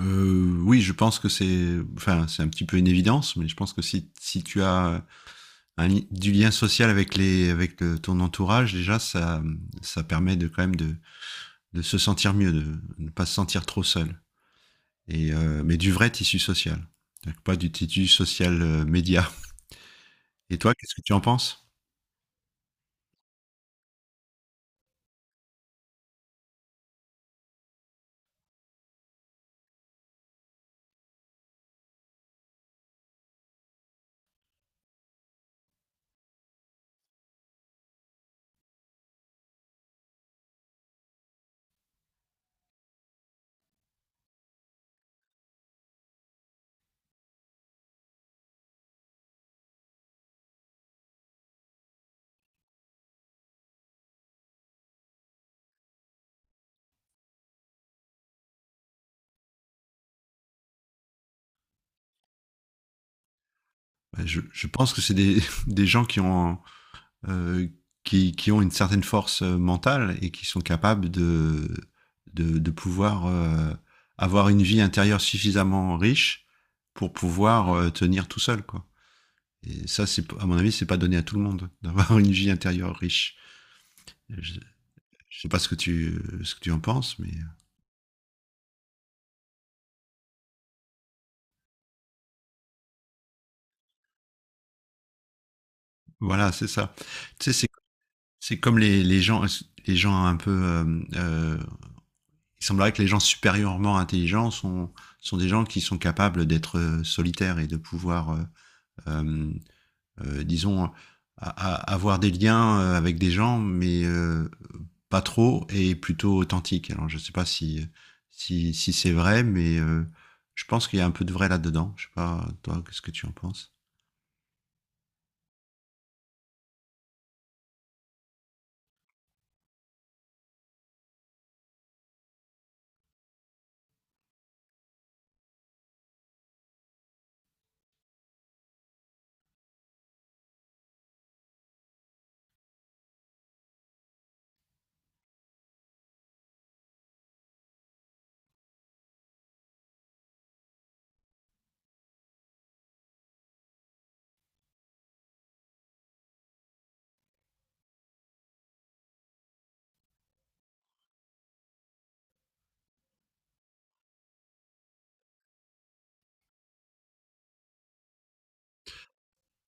Oui, je pense que c'est, c'est un petit peu une évidence, mais je pense que si tu as du lien social avec ton entourage, déjà, ça permet de quand même de se sentir mieux, de ne pas se sentir trop seul. Mais du vrai tissu social, donc, pas du tissu social média. Et toi, qu'est-ce que tu en penses? Je pense que c'est des, des gens qui ont euh, qui ont une certaine force mentale et qui sont capables de pouvoir avoir une vie intérieure suffisamment riche pour pouvoir tenir tout seul. Quoi. Et ça, c'est, à mon avis, c'est pas donné à tout le monde d'avoir une vie intérieure riche. Je, je sais pas ce que ce que tu en penses, mais voilà, c'est ça. Tu sais, c'est comme les gens un peu il semblerait que les gens supérieurement intelligents sont des gens qui sont capables d'être solitaires et de euh, disons, avoir des liens avec des gens, mais pas trop et plutôt authentiques. Alors, je ne sais pas si c'est vrai, mais je pense qu'il y a un peu de vrai là-dedans. Je ne sais pas, toi, qu'est-ce que tu en penses?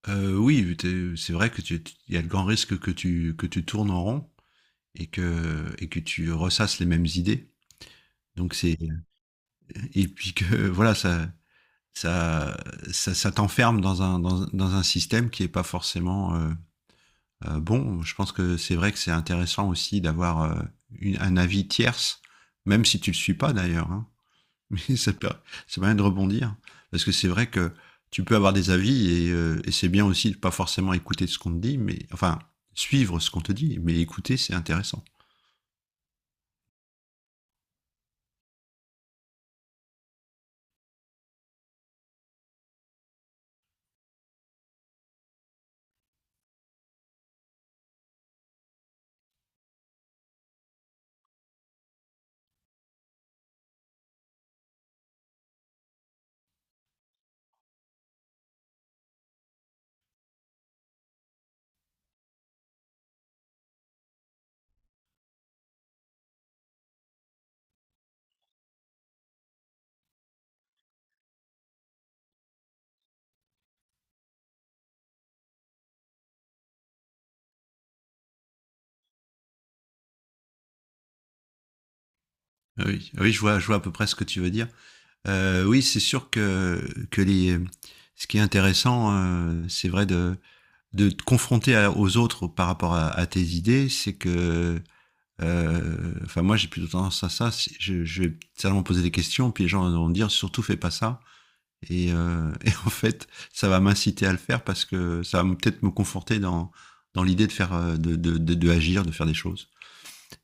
Oui, c'est vrai que il y a le grand risque que tu tournes en rond et que tu ressasses les mêmes idées. Donc, c'est et puis que voilà, ça, ça t'enferme dans un système qui est pas forcément bon. Je pense que c'est vrai que c'est intéressant aussi d'avoir un avis tierce, même si tu le suis pas d'ailleurs. Hein. Mais ça permet de rebondir parce que c'est vrai que tu peux avoir des avis et et c'est bien aussi de pas forcément écouter ce qu'on te dit, mais enfin suivre ce qu'on te dit, mais écouter c'est intéressant. Ah oui, ah oui, je vois à peu près ce que tu veux dire. Oui, c'est sûr que ce qui est intéressant, c'est vrai de te confronter aux autres par rapport à tes idées, c'est que, enfin moi j'ai plutôt tendance à ça, je vais certainement poser des questions, puis les gens vont me dire surtout fais pas ça, et et en fait ça va m'inciter à le faire parce que ça va peut-être me conforter dans, dans l'idée de faire, de agir, de faire des choses.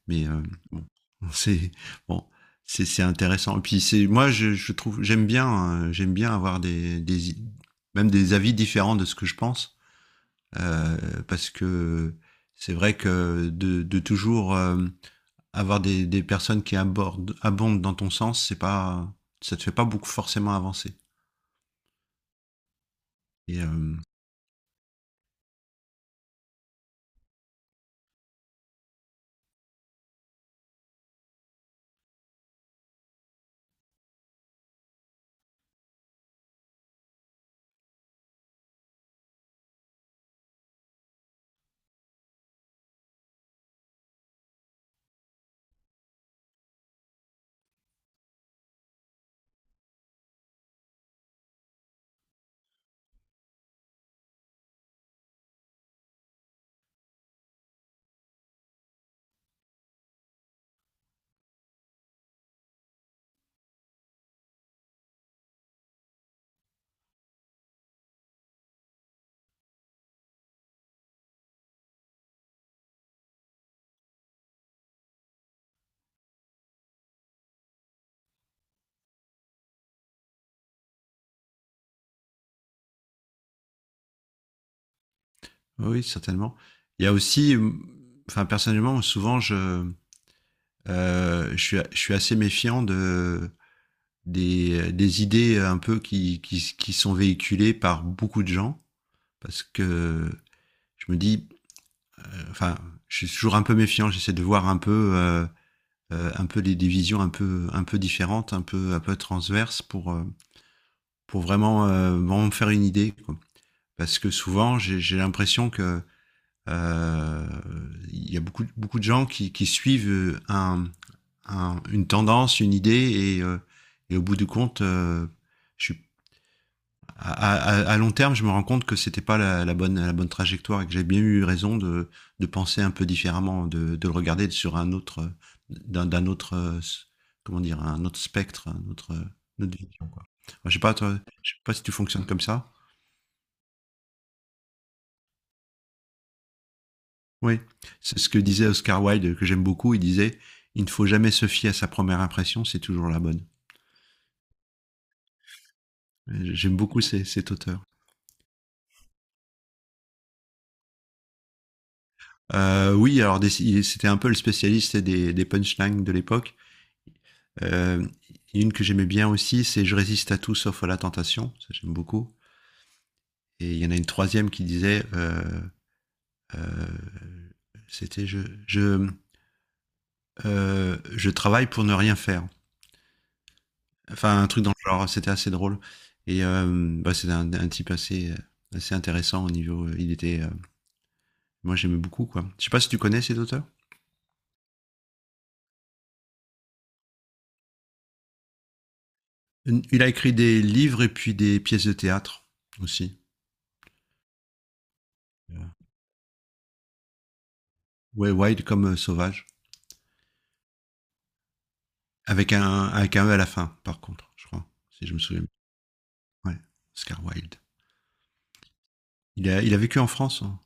Mais bon, c'est bon, c'est intéressant. Et puis c'est moi je trouve j'aime bien avoir des même des avis différents de ce que je pense parce que c'est vrai que de toujours avoir des personnes qui abondent dans ton sens, c'est pas ça te fait pas beaucoup forcément avancer. Et euh, oui, certainement. Il y a aussi, enfin personnellement, souvent je suis assez méfiant de des idées un peu qui sont véhiculées par beaucoup de gens, parce que je me dis, enfin, je suis toujours un peu méfiant, j'essaie de voir un peu des visions un peu différentes, un peu transverses pour vraiment, vraiment me faire une idée. Quoi. Parce que souvent, j'ai l'impression que euh, il y a beaucoup de gens qui suivent une tendance, une idée, et au bout du compte, je à, à long terme, je me rends compte que c'était pas la bonne trajectoire et que j'ai bien eu raison de penser un peu différemment, de le regarder sur un autre d'un autre comment dire un autre spectre, un autre une autre vision quoi. Enfin, je sais pas toi, je sais pas si tu fonctionnes comme ça. Oui, c'est ce que disait Oscar Wilde que j'aime beaucoup. Il disait il ne faut jamais se fier à sa première impression, c'est toujours la bonne. J'aime beaucoup cet auteur. C'était un peu le spécialiste des punchlines de l'époque. Euh, une que j'aimais bien aussi, c'est je résiste à tout sauf à la tentation. Ça, j'aime beaucoup. Et il y en a une troisième qui disait euh, c'était je, je travaille pour ne rien faire. Enfin, un truc dans le genre, c'était assez drôle. Et euh, Bah, c'était un type assez intéressant au niveau. Il était. Moi, j'aimais beaucoup, quoi. Je sais pas si tu connais cet auteur. Il a écrit des livres et puis des pièces de théâtre aussi. Euh, Ouais, Wild comme sauvage. Avec un E à la fin, par contre, je crois, si je me souviens. Ouais, Oscar Wilde. Il a vécu en France, hein.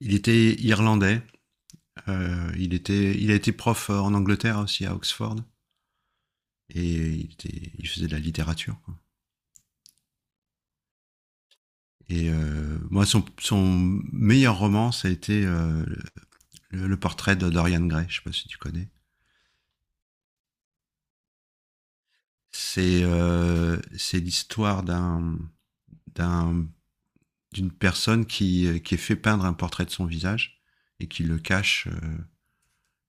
Il était irlandais. Il a été prof en Angleterre aussi, à Oxford. Et il faisait de la littérature, quoi. Moi, son meilleur roman, ça a été le portrait de Dorian Gray. Je sais pas si tu connais. C'est l'histoire d'un- d'une personne qui est fait peindre un portrait de son visage et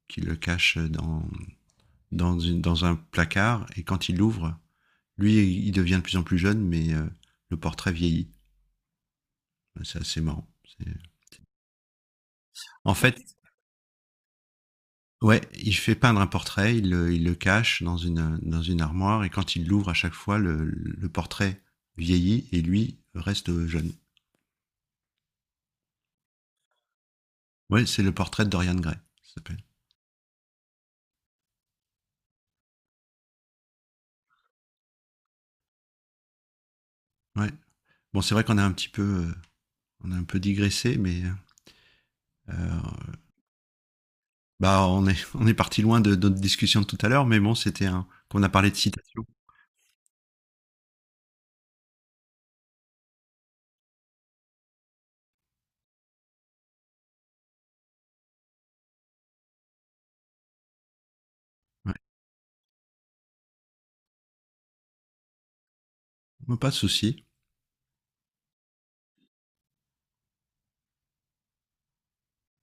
qui le cache dans un placard. Et quand il l'ouvre, lui, il devient de plus en plus jeune, mais le portrait vieillit. C'est assez marrant. C'est... En fait, ouais, il fait peindre un portrait, il le cache dans une armoire, et quand il l'ouvre à chaque fois, portrait vieillit et lui reste jeune. Ouais, c'est le portrait de Dorian Gray, ça s'appelle. Ouais. Bon, c'est vrai qu'on a un petit peu, on a un peu digressé, mais euh, bah, on est, on est parti loin de notre discussion de tout à l'heure, mais bon, c'était un qu'on a parlé de citation. Ouais. Pas de souci.